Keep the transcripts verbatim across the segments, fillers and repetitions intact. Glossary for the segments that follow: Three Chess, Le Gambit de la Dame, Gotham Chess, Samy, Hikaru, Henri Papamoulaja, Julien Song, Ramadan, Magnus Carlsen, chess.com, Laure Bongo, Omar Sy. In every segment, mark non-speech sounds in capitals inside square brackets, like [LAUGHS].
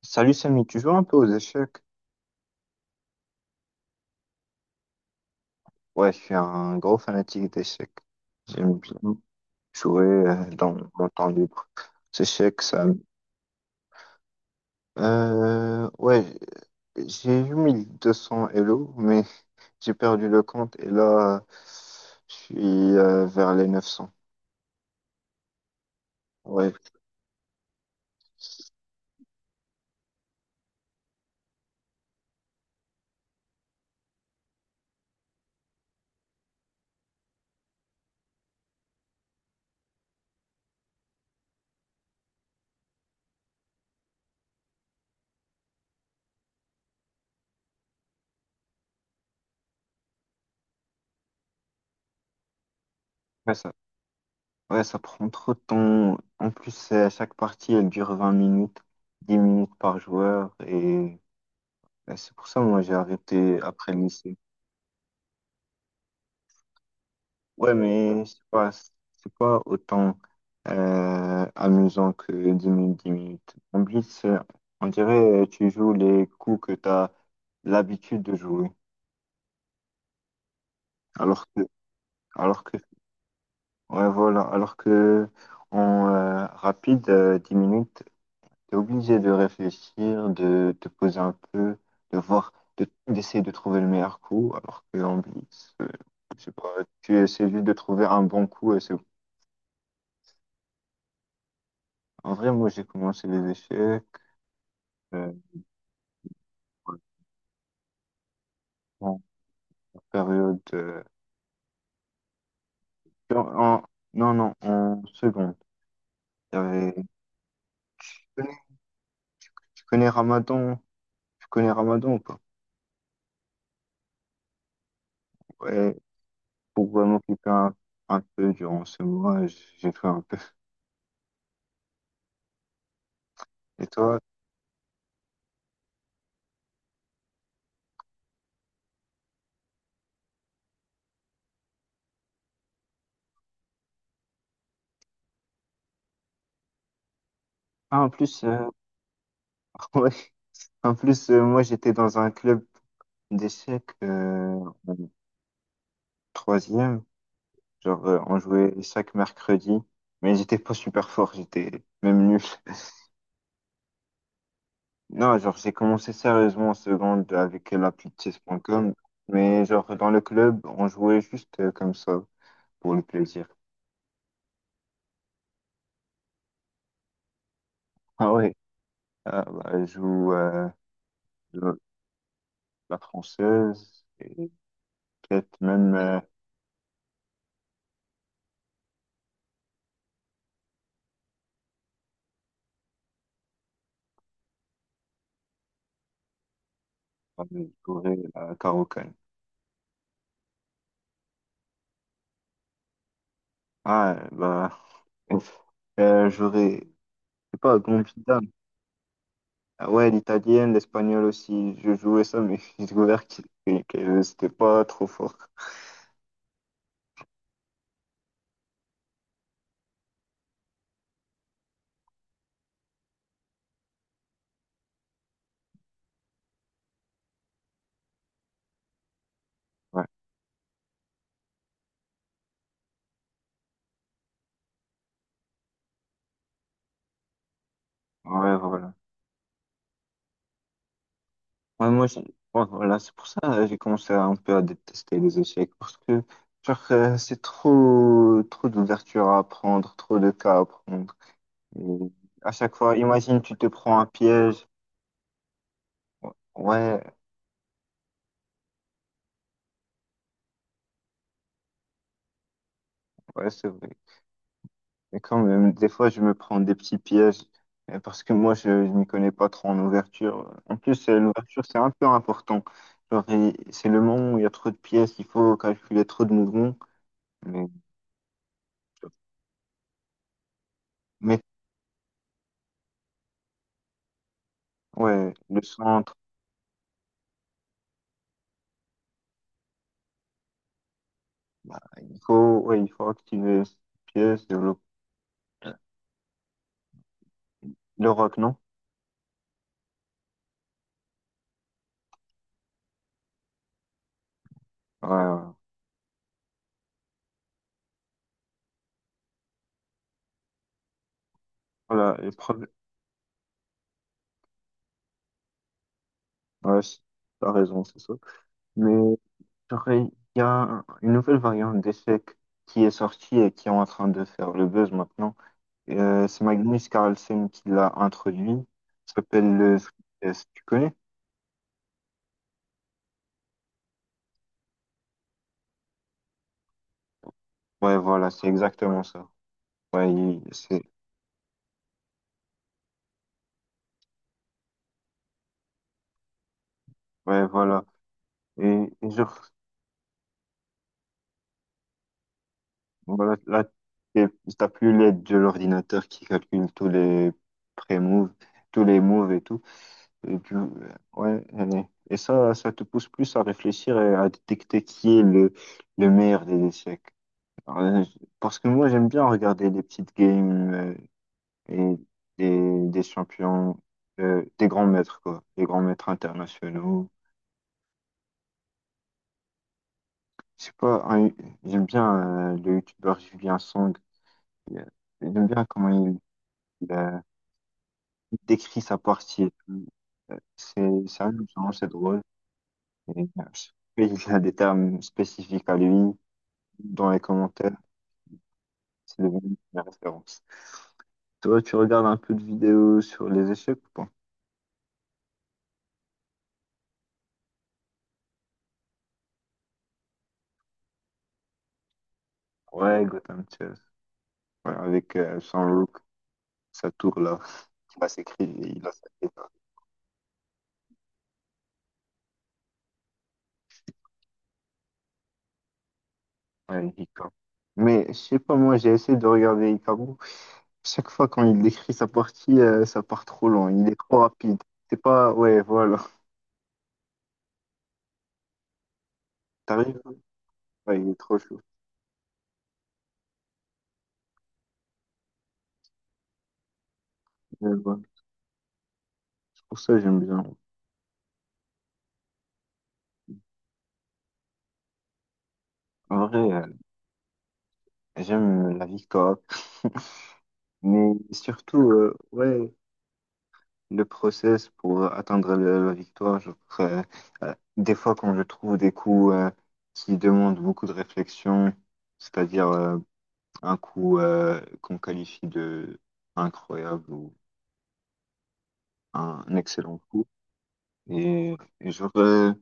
Salut Samy, tu joues un peu aux échecs? Ouais, je suis un gros fanatique d'échecs. J'aime bien jouer euh, dans mon temps libre. Ces échecs, ça. Euh, ouais, j'ai eu mille deux cents Elo, mais j'ai perdu le compte et là, euh, je suis euh, vers les neuf cents. Ouais, ouais, ça, ouais, ça prend trop de temps. En plus, c'est- chaque partie, elle dure vingt minutes, dix minutes par joueur et. Ouais, c'est pour ça moi j'ai arrêté après le lycée. Ouais, mais c'est pas, c'est pas autant euh, amusant que dix minutes, dix minutes. En plus, euh, on dirait euh, tu joues les coups que tu as l'habitude de jouer. Alors que, alors que, ouais, voilà, alors que en euh, rapide, euh, dix minutes, tu es obligé de réfléchir, de te poser un peu, de voir, de- d'essayer de trouver le meilleur coup. Alors que en blitz, euh, je sais pas, tu essaies juste de trouver un bon coup et c'est. En vrai, moi, j'ai commencé les échecs. euh, En période. euh, en- non, non, en seconde. Il y avait- Tu connais, tu connais Ramadan? Tu connais Ramadan ou pas? Ouais, pour vraiment m'occuper un, un peu durant ce mois, j- j'ai fait un peu. Et toi? Ah, en plus, euh, [LAUGHS] ouais, en plus euh, moi j'étais dans un club d'échecs euh, en troisième. Genre, euh, on jouait chaque mercredi, mais j'étais pas super fort, j'étais même nul. Non, genre, j'ai commencé sérieusement en seconde avec l'appli chess dot com, mais genre, dans le club, on jouait juste euh, comme ça, pour le plaisir. Ah ouais, ah, bah, je joue euh, le- la française et peut-être même euh, bah, je jouerai la carocane. Ah, bah, euh, j'aurais, je sais pas, Gambita. Ah ouais, l'italienne, l'espagnol aussi, je jouais ça, mais [LAUGHS] j'ai découvert que, que- que c'était pas trop fort. Ouais, ouais, voilà. Ouais, moi, j'ai- ouais, voilà, c'est pour ça euh, j'ai commencé à- un peu à détester les échecs parce que genre euh, c'est trop trop d'ouverture à apprendre trop de cas à prendre. Et à chaque fois, imagine tu te prends un piège. Ouais, ouais, c'est vrai. Et quand même, des fois je me prends des petits pièges euh, parce que moi je, je m'y connais pas trop en ouverture. En plus, euh, l'ouverture c'est un peu important. Genre, il- c'est le moment où il y a trop de pièces, il faut calculer trop de mouvements. Mais mais ouais, le centre. Bah, il faut, ouais, il faut activer cette pièce, le, le rock, non? Ouais, ouais. Voilà, et preuve. Ouais, c'est- t'as raison, c'est ça. Mais j'aurais- il y a une nouvelle variante d'échec qui est sortie et qui est en train de faire le buzz maintenant. Euh, c'est Magnus Carlsen qui l'a introduit. Ça s'appelle le Three Chess. Tu connais? Ouais, voilà, c'est exactement ça. Ouais, il- c'est, ouais, voilà. Et, et je. Voilà, là, t'es- t'as plus l'aide de l'ordinateur qui calcule tous les pré-moves, tous les moves et tout. Et tu- ouais, allez. Et ça, ça, te pousse plus à réfléchir et à détecter qui est le, le meilleur des échecs. Alors, euh, parce que moi, j'aime bien regarder des petites games euh, et des, des champions, euh, des grands maîtres, quoi, des grands maîtres internationaux. Je sais pas, un- j'aime bien euh, le youtubeur Julien Song. J'aime bien comment il, il décrit sa partie et tout. Euh, C'est c'est amusant, c'est drôle. Et, euh, je- il a des termes spécifiques à lui dans les commentaires. C'est devenu une référence. Toi, tu regardes un peu de vidéos sur les échecs ou pas? Ouais, Gotham Chess. Ouais, avec euh, son look, sa tour là, qui va s'écrire, il a sa tête. Ouais, Hikaru. Mais je sais pas, moi j'ai essayé de regarder Hikaru. Chaque fois quand il décrit sa partie, euh, ça part trop loin. Il est trop rapide. C'est pas, ouais, voilà. T'arrives? Ouais, il est trop chaud. Je vois. C'est pour ça que j'aime bien. En vrai, euh, j'aime la victoire, mais surtout, euh, ouais, le process pour atteindre le- la victoire. Genre, euh, euh, des fois, quand je trouve des coups euh, qui demandent beaucoup de réflexion, c'est-à-dire euh, un coup euh, qu'on qualifie de incroyable ou un excellent coup. Et, et genre, euh,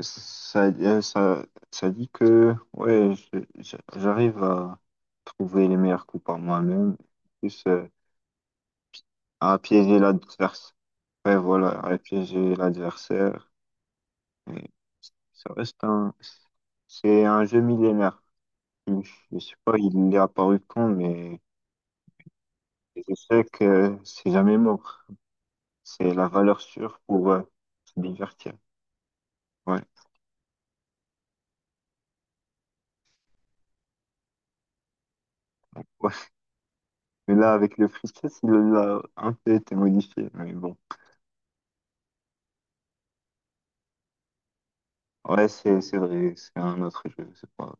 ça, euh, ça, ça dit que ouais, je- je- j'arrive à trouver les meilleurs coups par moi-même, plus euh, à piéger l'adversaire. Ouais, voilà, à piéger l'adversaire. Et ça reste un, c'est un jeu millénaire. Je sais pas, il est apparu quand, mais je sais que c'est jamais mort. C'est la valeur sûre pour euh, se divertir. Ouais. Mais là, avec le free chess, il a un peu été modifié. Mais bon, ouais, c'est c'est vrai, c'est un autre jeu. C'est pas,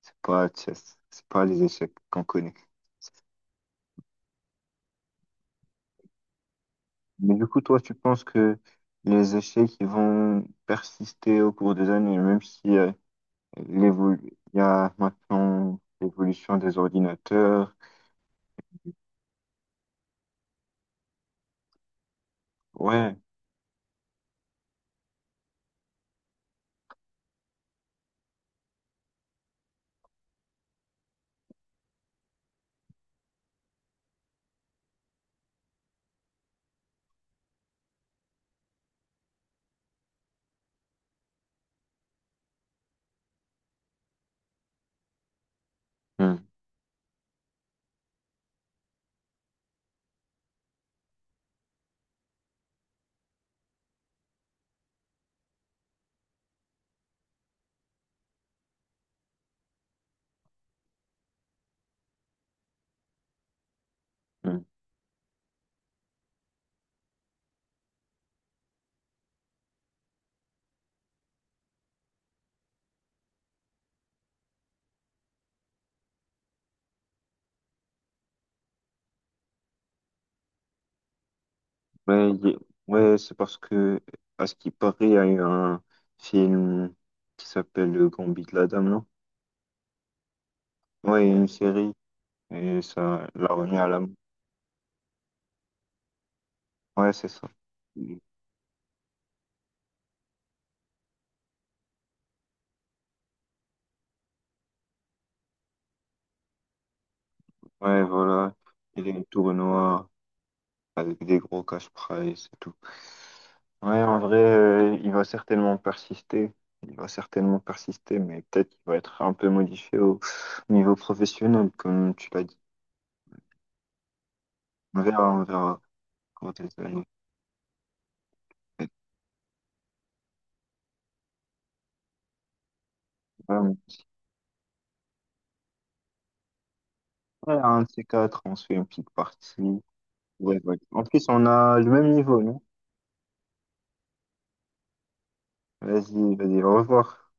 c'est pas chess, c'est pas les échecs qu'on connaît. Mais du coup, toi, tu penses que les échecs ils vont persister au cours des années, même si euh, l'évo- il y a maintenant l'évolution des ordinateurs. Ouais, hmm, hmm. Ouais, il y- ouais, c'est parce que, à ce qui paraît, il y a eu un film qui s'appelle Le Gambit de la Dame, non? Ouais, il y a une série et ça l'a remis à la mode. Ouais, c'est ça. Ouais, voilà. Il y a des tournois avec des gros cash prize et tout. Ouais, en vrai, euh, il va certainement persister. Il va certainement persister, mais peut-être qu'il va être un peu modifié au niveau professionnel, comme tu l'as dit. On verra, on verra quand les années. Ouais, mais- ouais, un de ces quatre, on se fait une petite partie. Ouais, ouais. En plus, on a le même niveau, non? Vas-y, vas-y, au revoir.